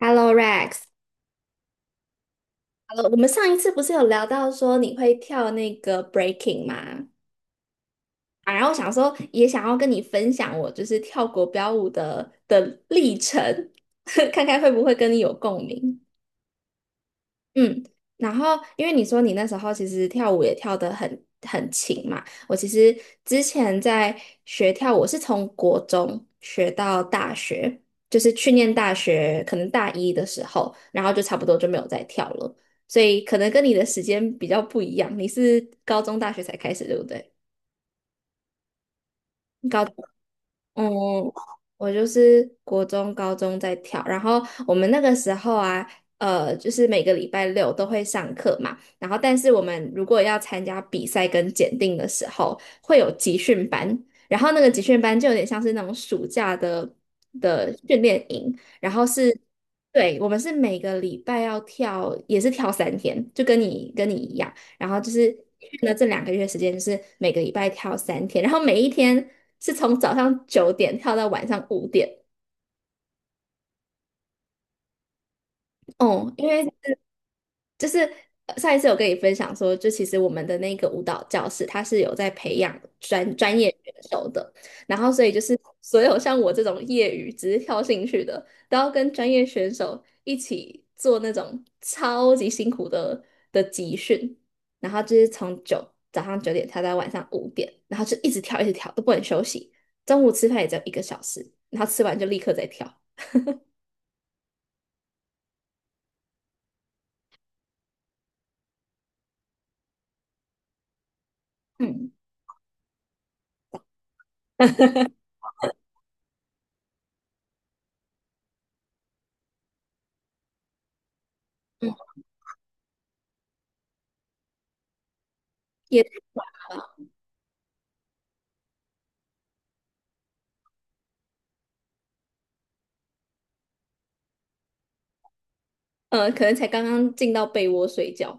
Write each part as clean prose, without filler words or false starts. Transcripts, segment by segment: Hello Rex,Hello,我们上一次不是有聊到说你会跳那个 breaking 吗？啊，然后我想说也想要跟你分享我就是跳国标舞的历程，看看会不会跟你有共鸣。嗯，然后因为你说你那时候其实跳舞也跳得很勤嘛，我其实之前在学跳舞，我是从国中学到大学，就是去念大学，可能大一的时候，然后就差不多就没有再跳了，所以可能跟你的时间比较不一样，你是高中大学才开始，对不对？高。嗯，我就是国中、高中在跳，然后我们那个时候啊，就是每个礼拜六都会上课嘛，然后但是我们如果要参加比赛跟检定的时候，会有集训班，然后那个集训班就有点像是那种暑假的训练营，然后是，对，我们是每个礼拜要跳，也是跳三天，就跟你一样。然后就是去了这两个月时间，就是每个礼拜跳三天，然后每一天是从早上九点跳到晚上五点。哦，因为就是上一次有跟你分享说，就其实我们的那个舞蹈教室，它是有在培养专业选手的，然后所以就是所有像我这种业余只是跳兴趣的，都要跟专业选手一起做那种超级辛苦的集训，然后就是早上九点跳到晚上五点，然后就一直跳一直跳都不能休息，中午吃饭也只有一个小时，然后吃完就立刻再跳，嗯嗯，也可能才刚刚进到被窝睡觉。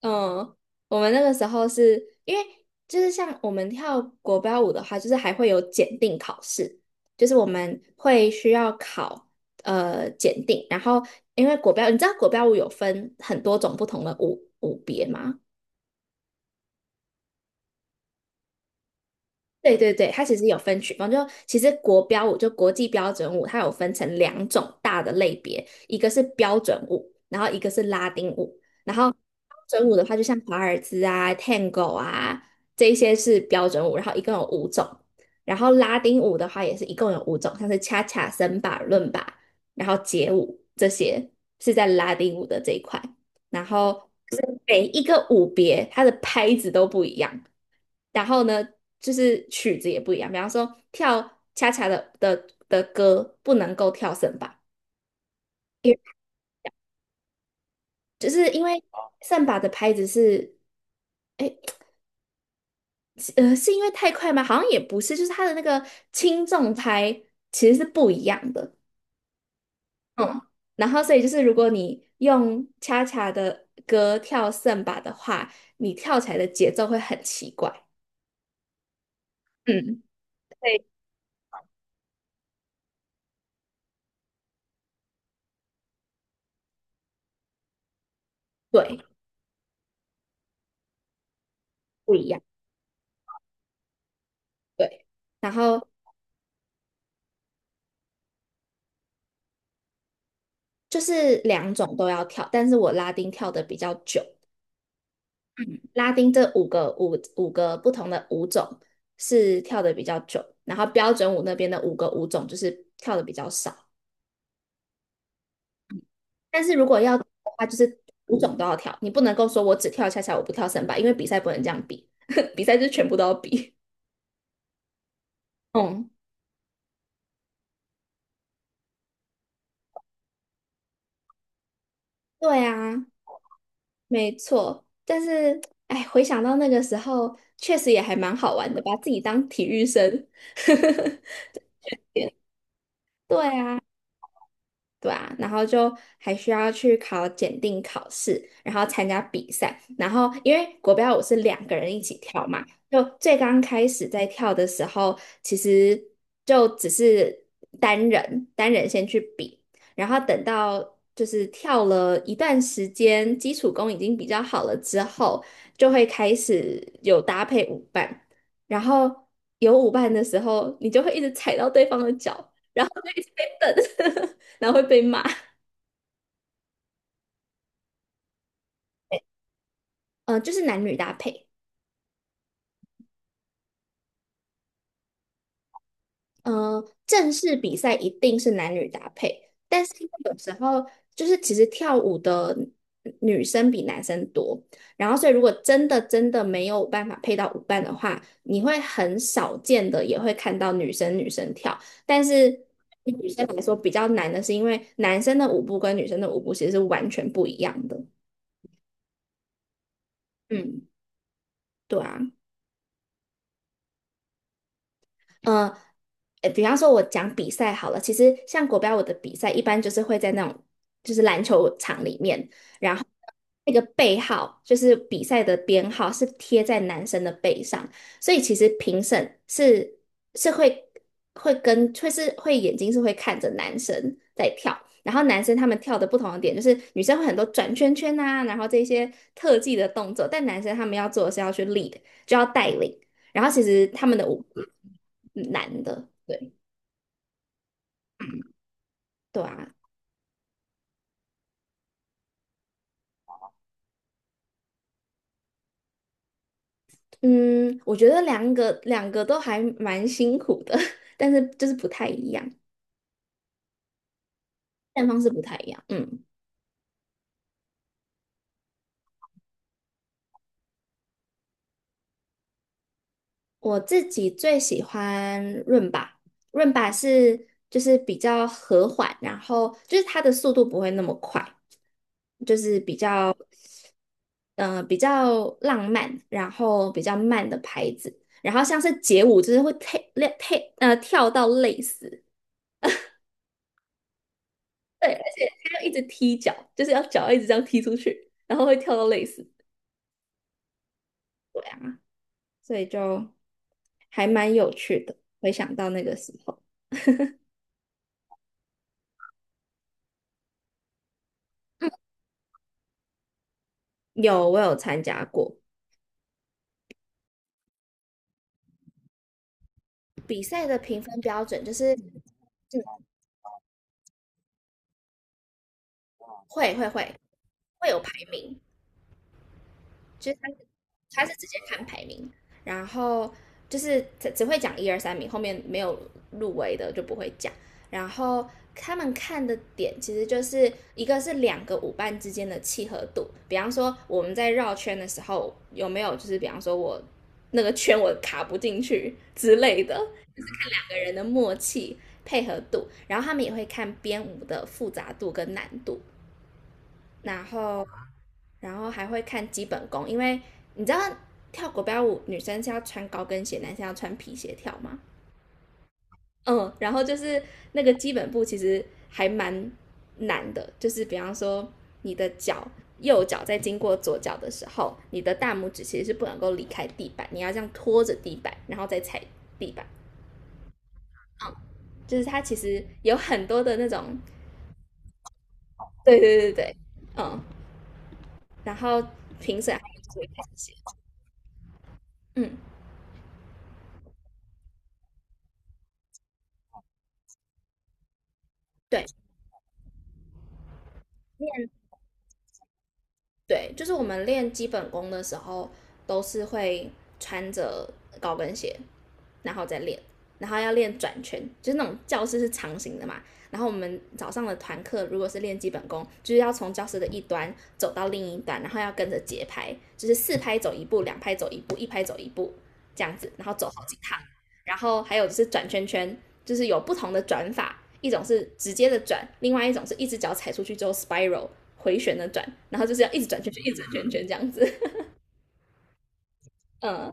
嗯，我们那个时候是因为就是像我们跳国标舞的话，就是还会有检定考试，就是我们会需要考检定，然后因为国标，你知道国标舞有分很多种不同的舞别吗？对对对，它其实有分曲风，就其实国标舞就国际标准舞，它有分成两种大的类别，一个是标准舞，然后一个是拉丁舞。然后标准舞的话，就像华尔兹啊、Tango 啊这一些是标准舞，然后一共有五种。然后拉丁舞的话也是一共有五种，像是恰恰、森巴、伦巴，然后街舞这些是在拉丁舞的这一块。然后就是每一个舞别，它的拍子都不一样。然后呢，就是曲子也不一样，比方说跳恰恰的歌不能够跳圣巴，因为就是因为圣巴的拍子是，哎，是因为太快吗？好像也不是，就是它的那个轻重拍其实是不一样的，嗯，然后所以就是如果你用恰恰的歌跳圣巴的话，你跳起来的节奏会很奇怪，嗯，对对，不一样，对，然后就是两种都要跳，但是我拉丁跳的比较久。嗯，拉丁这五个不同的舞种是跳的比较久，然后标准舞那边的五个舞种就是跳的比较少。但是如果要的话，就是五种都要跳，你不能够说我只跳恰恰，我不跳森巴，因为比赛不能这样比，比赛就是全部都要比。嗯，对啊，没错。但是，哎，回想到那个时候，确实也还蛮好玩的，把自己当体育生。对啊。对啊，然后就还需要去考检定考试，然后参加比赛，然后因为国标舞是两个人一起跳嘛，就最刚开始在跳的时候，其实就只是单人先去比，然后等到就是跳了一段时间，基础功已经比较好了之后，就会开始有搭配舞伴，然后有舞伴的时候，你就会一直踩到对方的脚，然后就一直被蹬。然后会被骂。就是男女搭配。正式比赛一定是男女搭配，但是因为有时候就是其实跳舞的女生比男生多，然后所以如果真的真的没有办法配到舞伴的话，你会很少见的也会看到女生跳，但是对女生来说比较难的是因为男生的舞步跟女生的舞步其实是完全不一样的。嗯，对啊。嗯，比方说我讲比赛好了，其实像国标舞的比赛，一般就是会在那种就是篮球场里面，然后那个背号就是比赛的编号是贴在男生的背上，所以其实评审是是会会跟会是会眼睛是会看着男生在跳，然后男生他们跳的不同的点就是女生会很多转圈圈啊，然后这些特技的动作，但男生他们要做的是要去 lead,就要带领，然后其实他们的舞。难的。对，对啊，嗯，我觉得两个都还蛮辛苦的，但是就是不太一样，但方式不太一样。嗯，我自己最喜欢润吧，润吧是就是比较和缓，然后就是它的速度不会那么快，就是比较嗯、比较浪漫，然后比较慢的拍子，然后像是街舞就是会跳跳到累死，对，而且他要一直踢脚，就是要脚一直这样踢出去，然后会跳到累死。对啊，所以就还蛮有趣的。回想到那个时候，有我有参加过比赛的评分标准就是，嗯，会会会会有排名，就是他是直接看排名，然后就是只会讲一二三名，后面没有入围的就不会讲。然后他们看的点其实就是一个是两个舞伴之间的契合度，比方说我们在绕圈的时候有没有就是比方说我那个圈我卡不进去之类的，两个人的默契配合度，然后他们也会看编舞的复杂度跟难度，然后还会看基本功，因为你知道跳国标舞女生是要穿高跟鞋，男生要穿皮鞋跳吗？嗯，然后就是那个基本步其实还蛮难的，就是比方说你的脚右脚在经过左脚的时候，你的大拇指其实是不能够离开地板，你要这样拖着地板，然后再踩地板。嗯，就是它其实有很多的那种，对对对对，嗯，然后评审们就是会看这些，嗯，对，你有对，就是我们练基本功的时候，都是会穿着高跟鞋，然后再练，然后要练转圈，就是那种教室是长形的嘛。然后我们早上的团课如果是练基本功，就是要从教室的一端走到另一端，然后要跟着节拍，就是四拍走一步，两拍走一步，一拍走一步这样子，然后走好几趟。然后还有就是转圈圈，就是有不同的转法，一种是直接的转，另外一种是一只脚踩出去之后 spiral 回旋的转，然后就是要一直转圈圈，一直转圈圈这样子。嗯，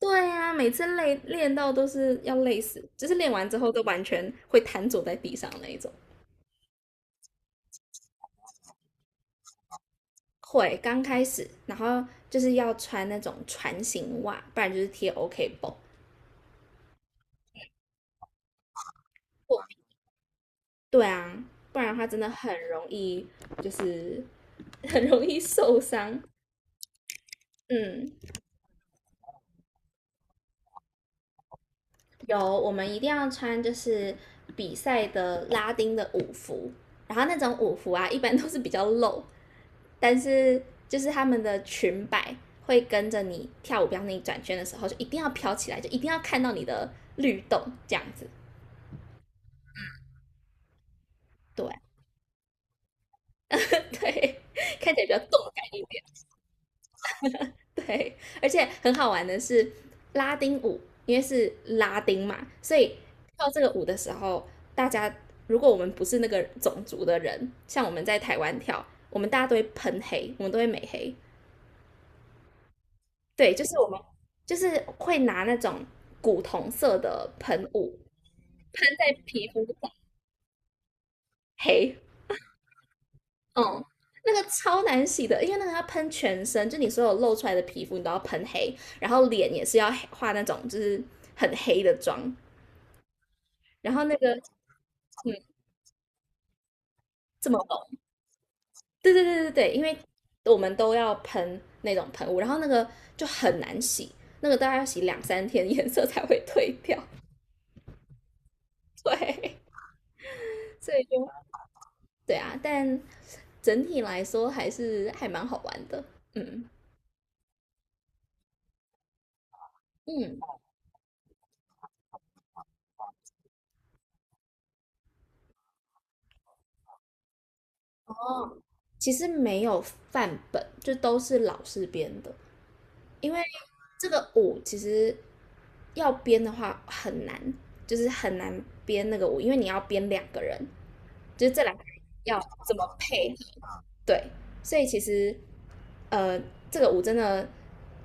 对呀，每次练到都是要累死，就是练完之后都完全会瘫坐在地上那一种。会刚开始，然后就是要穿那种船型袜，不然就是贴 OK 绷。对啊，不然的话真的很容易，就是 很容易受伤。嗯，有，我们一定要穿就是比赛的拉丁的舞服，然后那种舞服啊，一般都是比较露，但是就是他们的裙摆会跟着你跳舞，比方你转圈的时候，就一定要飘起来，就一定要看到你的律动这样子。对 对，看起来比较动感一点。对，而且很好玩的是拉丁舞，因为是拉丁嘛，所以跳这个舞的时候，大家如果我们不是那个种族的人，像我们在台湾跳，我们大家都会喷黑，我们都会美黑。对，就是我们就是会拿那种古铜色的喷雾喷在皮肤上黑，嗯，那个超难洗的，因为那个要喷全身，就你所有露出来的皮肤你都要喷黑，然后脸也是要黑画那种就是很黑的妆，然后那个嗯这么厚，对对对对对，因为我们都要喷那种喷雾，然后那个就很难洗，那个大概要洗两三天，颜色才会褪掉。对，所以就对啊，但整体来说还是还蛮好玩的。嗯嗯，哦，其实没有范本，就都是老师编的，因为这个舞其实要编的话很难，就是很难编那个舞，因为你要编两个人，就是这两个要怎么配。对，所以其实呃，这个舞真的，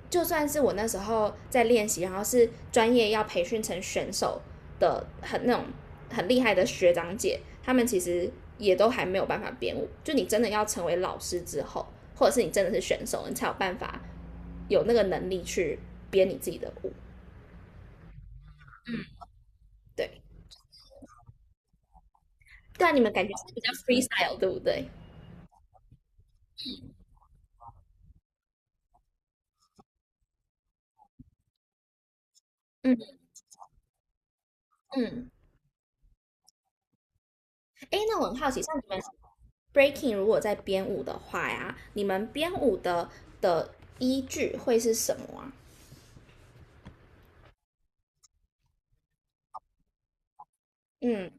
就算是我那时候在练习，然后是专业要培训成选手的很那种很厉害的学长姐，他们其实也都还没有办法编舞。就你真的要成为老师之后，或者是你真的是选手，你才有办法有那个能力去编你自己的舞。对，对啊，你们感觉是比较 freestyle，对不对？嗯嗯，哎，那我很好奇，像你们 breaking 如果在编舞的话呀，你们编舞的的依据会是什么啊？嗯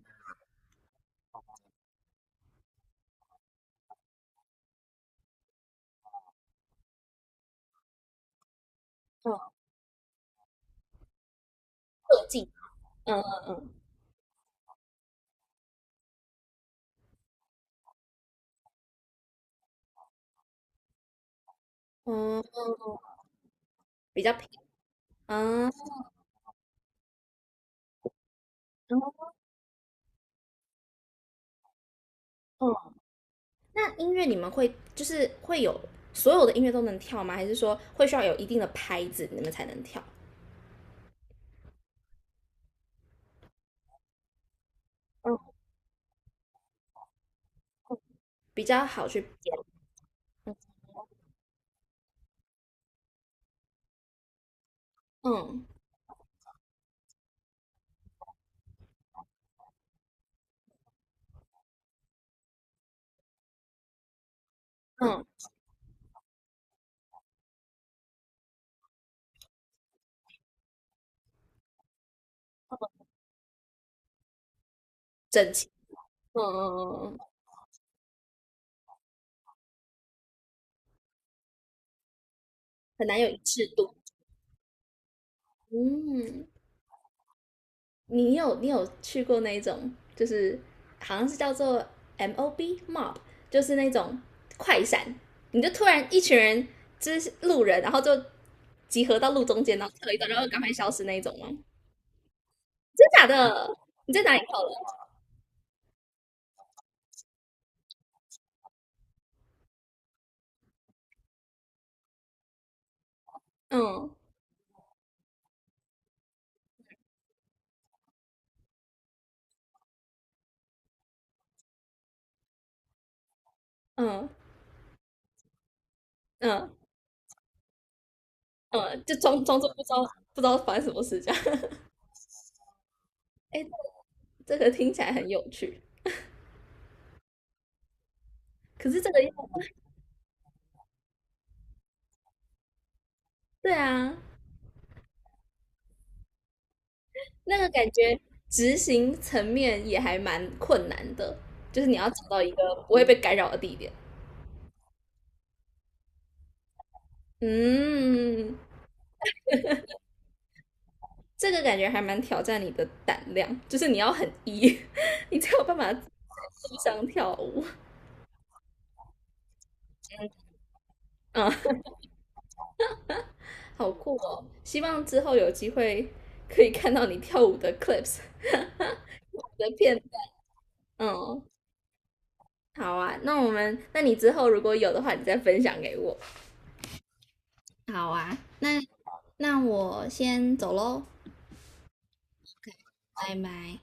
嗯，特技，嗯嗯嗯嗯嗯，比较平，嗯嗯嗯。那音乐你们会就是会有所有的音乐都能跳吗？还是说会需要有一定的拍子你们才能跳？嗯，比较好去编，嗯嗯，整齐，嗯嗯嗯嗯，很难有一致度。嗯，你有去过那一种，就是好像是叫做 MOB mob，就是那种快闪，你就突然一群人就是路人，然后就集合到路中间，然后跳一段，然后赶快消失那一种吗？真假的？你在哪里跳的？嗯嗯嗯嗯，就装装作不知道发生什么事这样。哎，这个听起来很有趣，可是这个要对啊，那个感觉执行层面也还蛮困难的，就是你要找到一个不会被干扰的地点。嗯，这个感觉还蛮挑战你的胆量，就是你要很 E，你才有办法地上跳舞。嗯，好酷哦！希望之后有机会可以看到你跳舞的 clips 你的片段。嗯，好啊，那我们，那你之后如果有的话，你再分享给我。好啊，那我先走喽，拜拜。